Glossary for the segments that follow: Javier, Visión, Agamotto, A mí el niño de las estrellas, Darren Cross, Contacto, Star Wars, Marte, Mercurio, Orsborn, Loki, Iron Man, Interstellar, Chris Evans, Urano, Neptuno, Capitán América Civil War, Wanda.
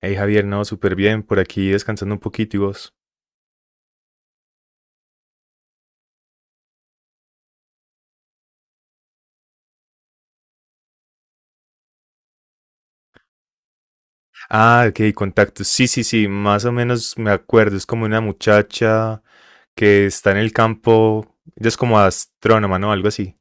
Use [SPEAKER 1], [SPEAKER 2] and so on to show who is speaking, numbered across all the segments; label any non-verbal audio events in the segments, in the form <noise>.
[SPEAKER 1] Hey Javier, no, súper bien, por aquí descansando un poquito y vos. Ah, ok, contactos. Sí, sí, sí, más o menos me acuerdo. Es como una muchacha que está en el campo. Ella es como astrónoma, ¿no? Algo así.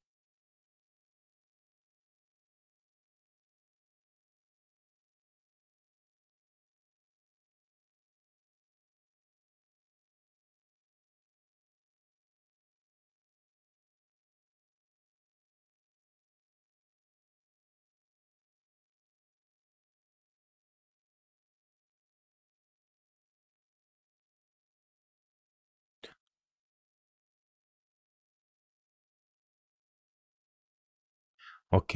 [SPEAKER 1] Ok,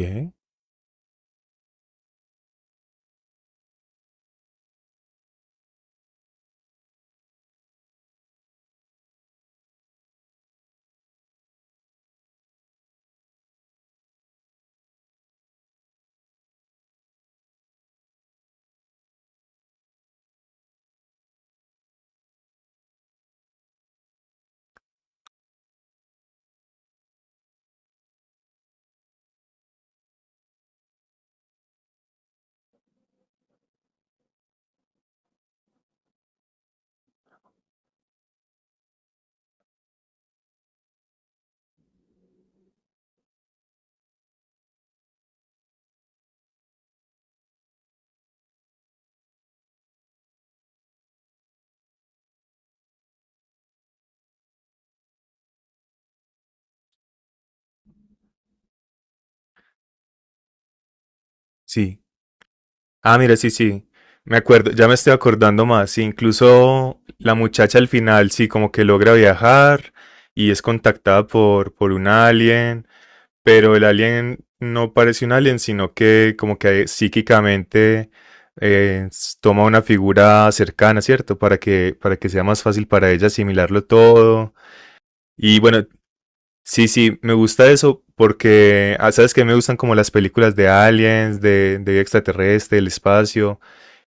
[SPEAKER 1] sí. Ah, mira, sí, sí. Me acuerdo, ya me estoy acordando más. Sí, incluso la muchacha al final, sí, como que logra viajar y es contactada por un alien. Pero el alien no parece un alien, sino que como que psíquicamente toma una figura cercana, ¿cierto? Para que sea más fácil para ella asimilarlo todo. Y bueno, sí, sí, me gusta eso porque, ah, ¿sabes que Me gustan como las películas de aliens, de vida extraterrestre, del espacio.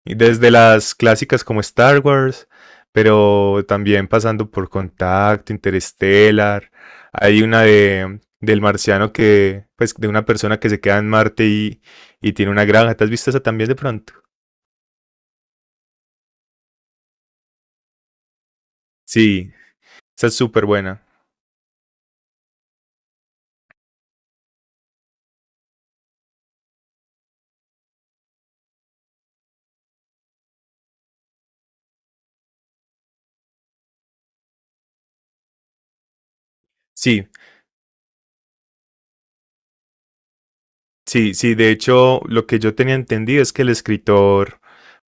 [SPEAKER 1] Desde las clásicas como Star Wars, pero también pasando por Contacto, Interstellar. Hay una de, del marciano que, pues, de una persona que se queda en Marte y tiene una granja. ¿Te has visto esa también de pronto? Sí, esa es súper buena. Sí, sí, sí. De hecho, lo que yo tenía entendido es que el escritor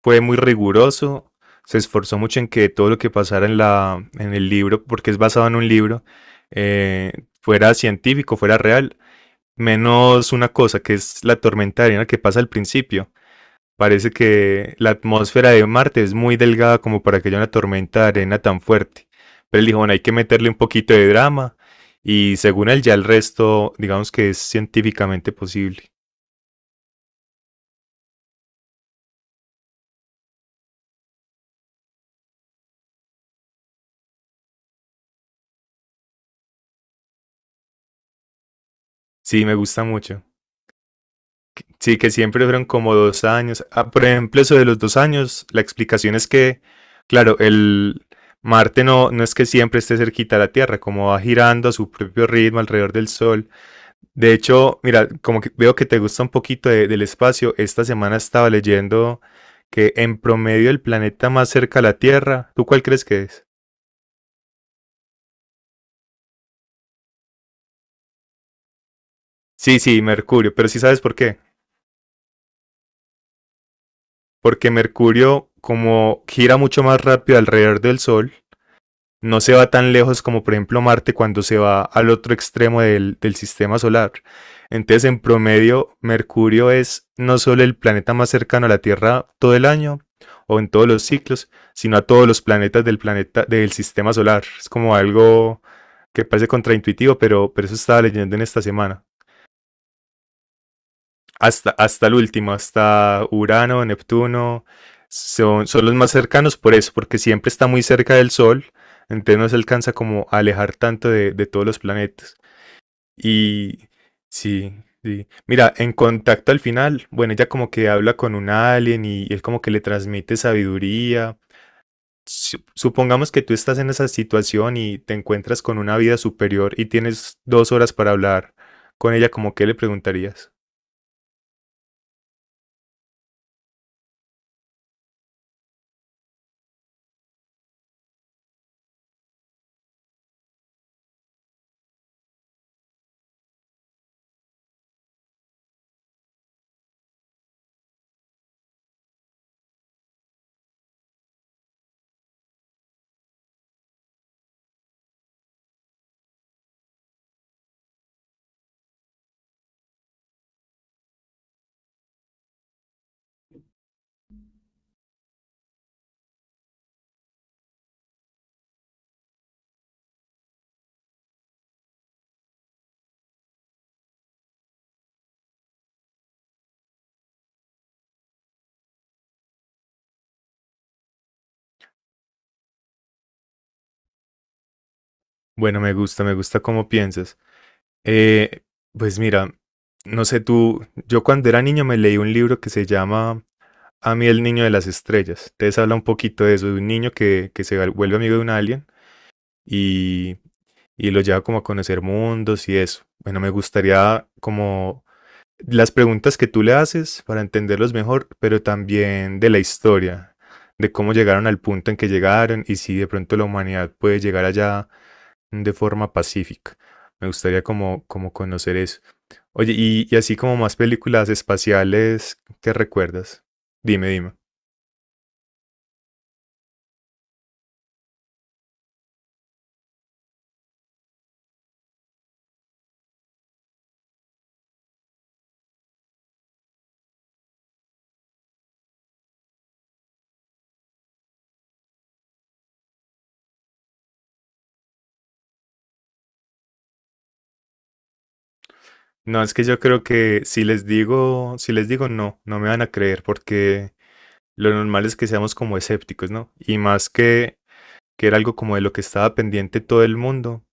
[SPEAKER 1] fue muy riguroso, se esforzó mucho en que todo lo que pasara en, la, en el libro, porque es basado en un libro, eh, fuera científico, fuera real, menos una cosa que es la tormenta de arena que pasa al principio. Parece que la atmósfera de Marte es muy delgada como para que haya una tormenta de arena tan fuerte. Pero él dijo, bueno, hay que meterle un poquito de drama y según él ya el resto, digamos que es científicamente posible. Sí, me gusta mucho. Sí, que siempre fueron como dos años. Ah, por ejemplo, eso de los dos años, la explicación es que, claro, el Marte no, no es que siempre esté cerquita a la Tierra, como va girando a su propio ritmo alrededor del Sol. De hecho, mira, como que veo que te gusta un poquito de- del espacio, esta semana estaba leyendo que en promedio el planeta más cerca a la Tierra, ¿tú cuál crees que es? Sí, sí, Mercurio, pero sí sabes por qué. Porque Mercurio como gira mucho más rápido alrededor del Sol, no se va tan lejos como por ejemplo Marte cuando se va al otro extremo sistema solar. Entonces, en promedio, Mercurio es no solo el planeta más cercano a la Tierra todo el año o en todos los ciclos, sino a todos los planetas del planeta del sistema solar. Es como algo que parece contraintuitivo, pero eso estaba leyendo en esta semana. Hasta, hasta el último, hasta Urano, Neptuno, son, son los más cercanos por eso, porque siempre está muy cerca del Sol, entonces no se alcanza como a alejar tanto de todos los planetas. Y sí, sí. Mira, en contacto al final, bueno, ella como que habla con un alien y él como que le transmite sabiduría. Supongamos que tú estás en esa situación y te encuentras con una vida superior y tienes dos horas para hablar con ella, como que le preguntarías? Bueno, me gusta cómo piensas. Eh, pues mira, no sé tú, yo cuando era niño me leí un libro que se llama A mí el niño de las estrellas. Entonces habla un poquito de eso, de un niño que se vuelve amigo de un alien y, y lo lleva como a conocer mundos y eso. Bueno, me gustaría como las preguntas que tú le haces para entenderlos mejor, pero también de la historia, de cómo llegaron al punto en que llegaron y si de pronto la humanidad puede llegar allá de forma pacífica. Me gustaría como, como conocer eso. Oye, y así como más películas espaciales que recuerdas. Dime, dime. No, es que yo creo que si les digo, si les digo no, no me van a creer porque lo normal es que seamos como escépticos, ¿no? Y más que era algo como de lo que estaba pendiente todo el mundo.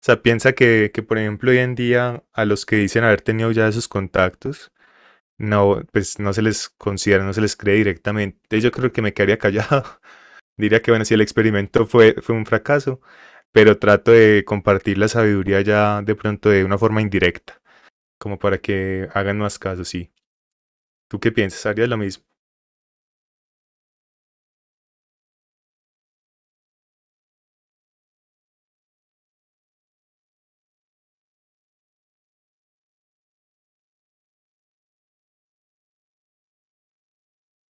[SPEAKER 1] O sea, piensa por ejemplo, hoy en día a los que dicen haber tenido ya esos contactos, no, pues no se les considera, no se les cree directamente. Entonces yo creo que me quedaría callado, <laughs> diría que, bueno, si el experimento fue un fracaso, pero trato de compartir la sabiduría ya de pronto de una forma indirecta, como para que hagan más caso, sí. ¿Tú qué piensas? ¿Harías lo mismo?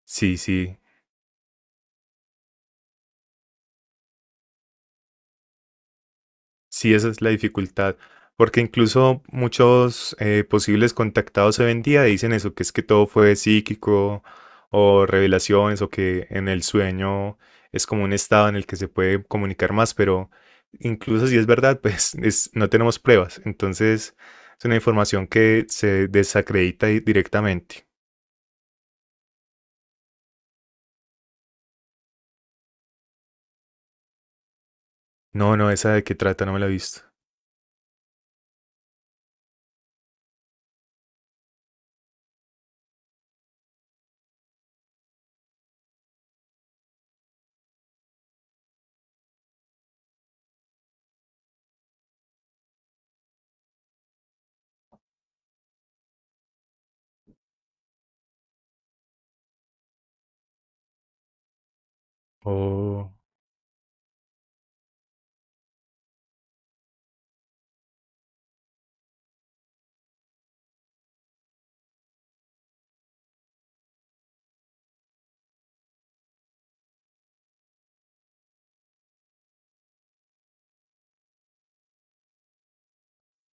[SPEAKER 1] Sí, sí. Sí, esa es la dificultad, porque incluso muchos posibles contactados hoy en día dicen eso, que es que todo fue psíquico o revelaciones o que en el sueño es como un estado en el que se puede comunicar más, pero incluso si es verdad, <laughs> pues es- no tenemos pruebas, entonces es una información que se desacredita directamente. No, no, esa de qué trata, no me la he visto.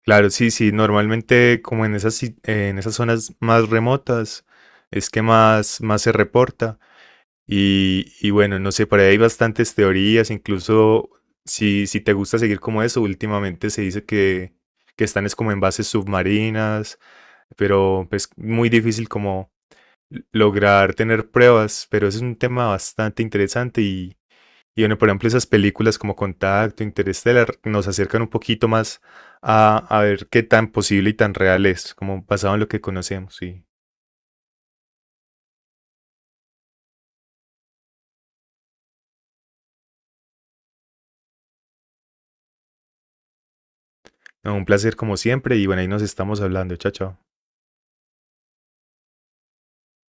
[SPEAKER 1] Claro, sí, sí, normalmente como en esas, en esas zonas más remotas es que más, más se reporta y bueno, no sé, por ahí hay bastantes teorías, incluso si, si te gusta seguir como eso, últimamente se dice que están es como en bases submarinas, pero es muy difícil como lograr tener pruebas, pero es un tema bastante interesante y bueno, por ejemplo, esas películas como Contacto, Interestelar, nos acercan un poquito más a ver qué tan posible y tan real es, como basado en lo que conocemos. Y no, un placer como siempre. Y bueno, ahí nos estamos hablando. Chao, chao.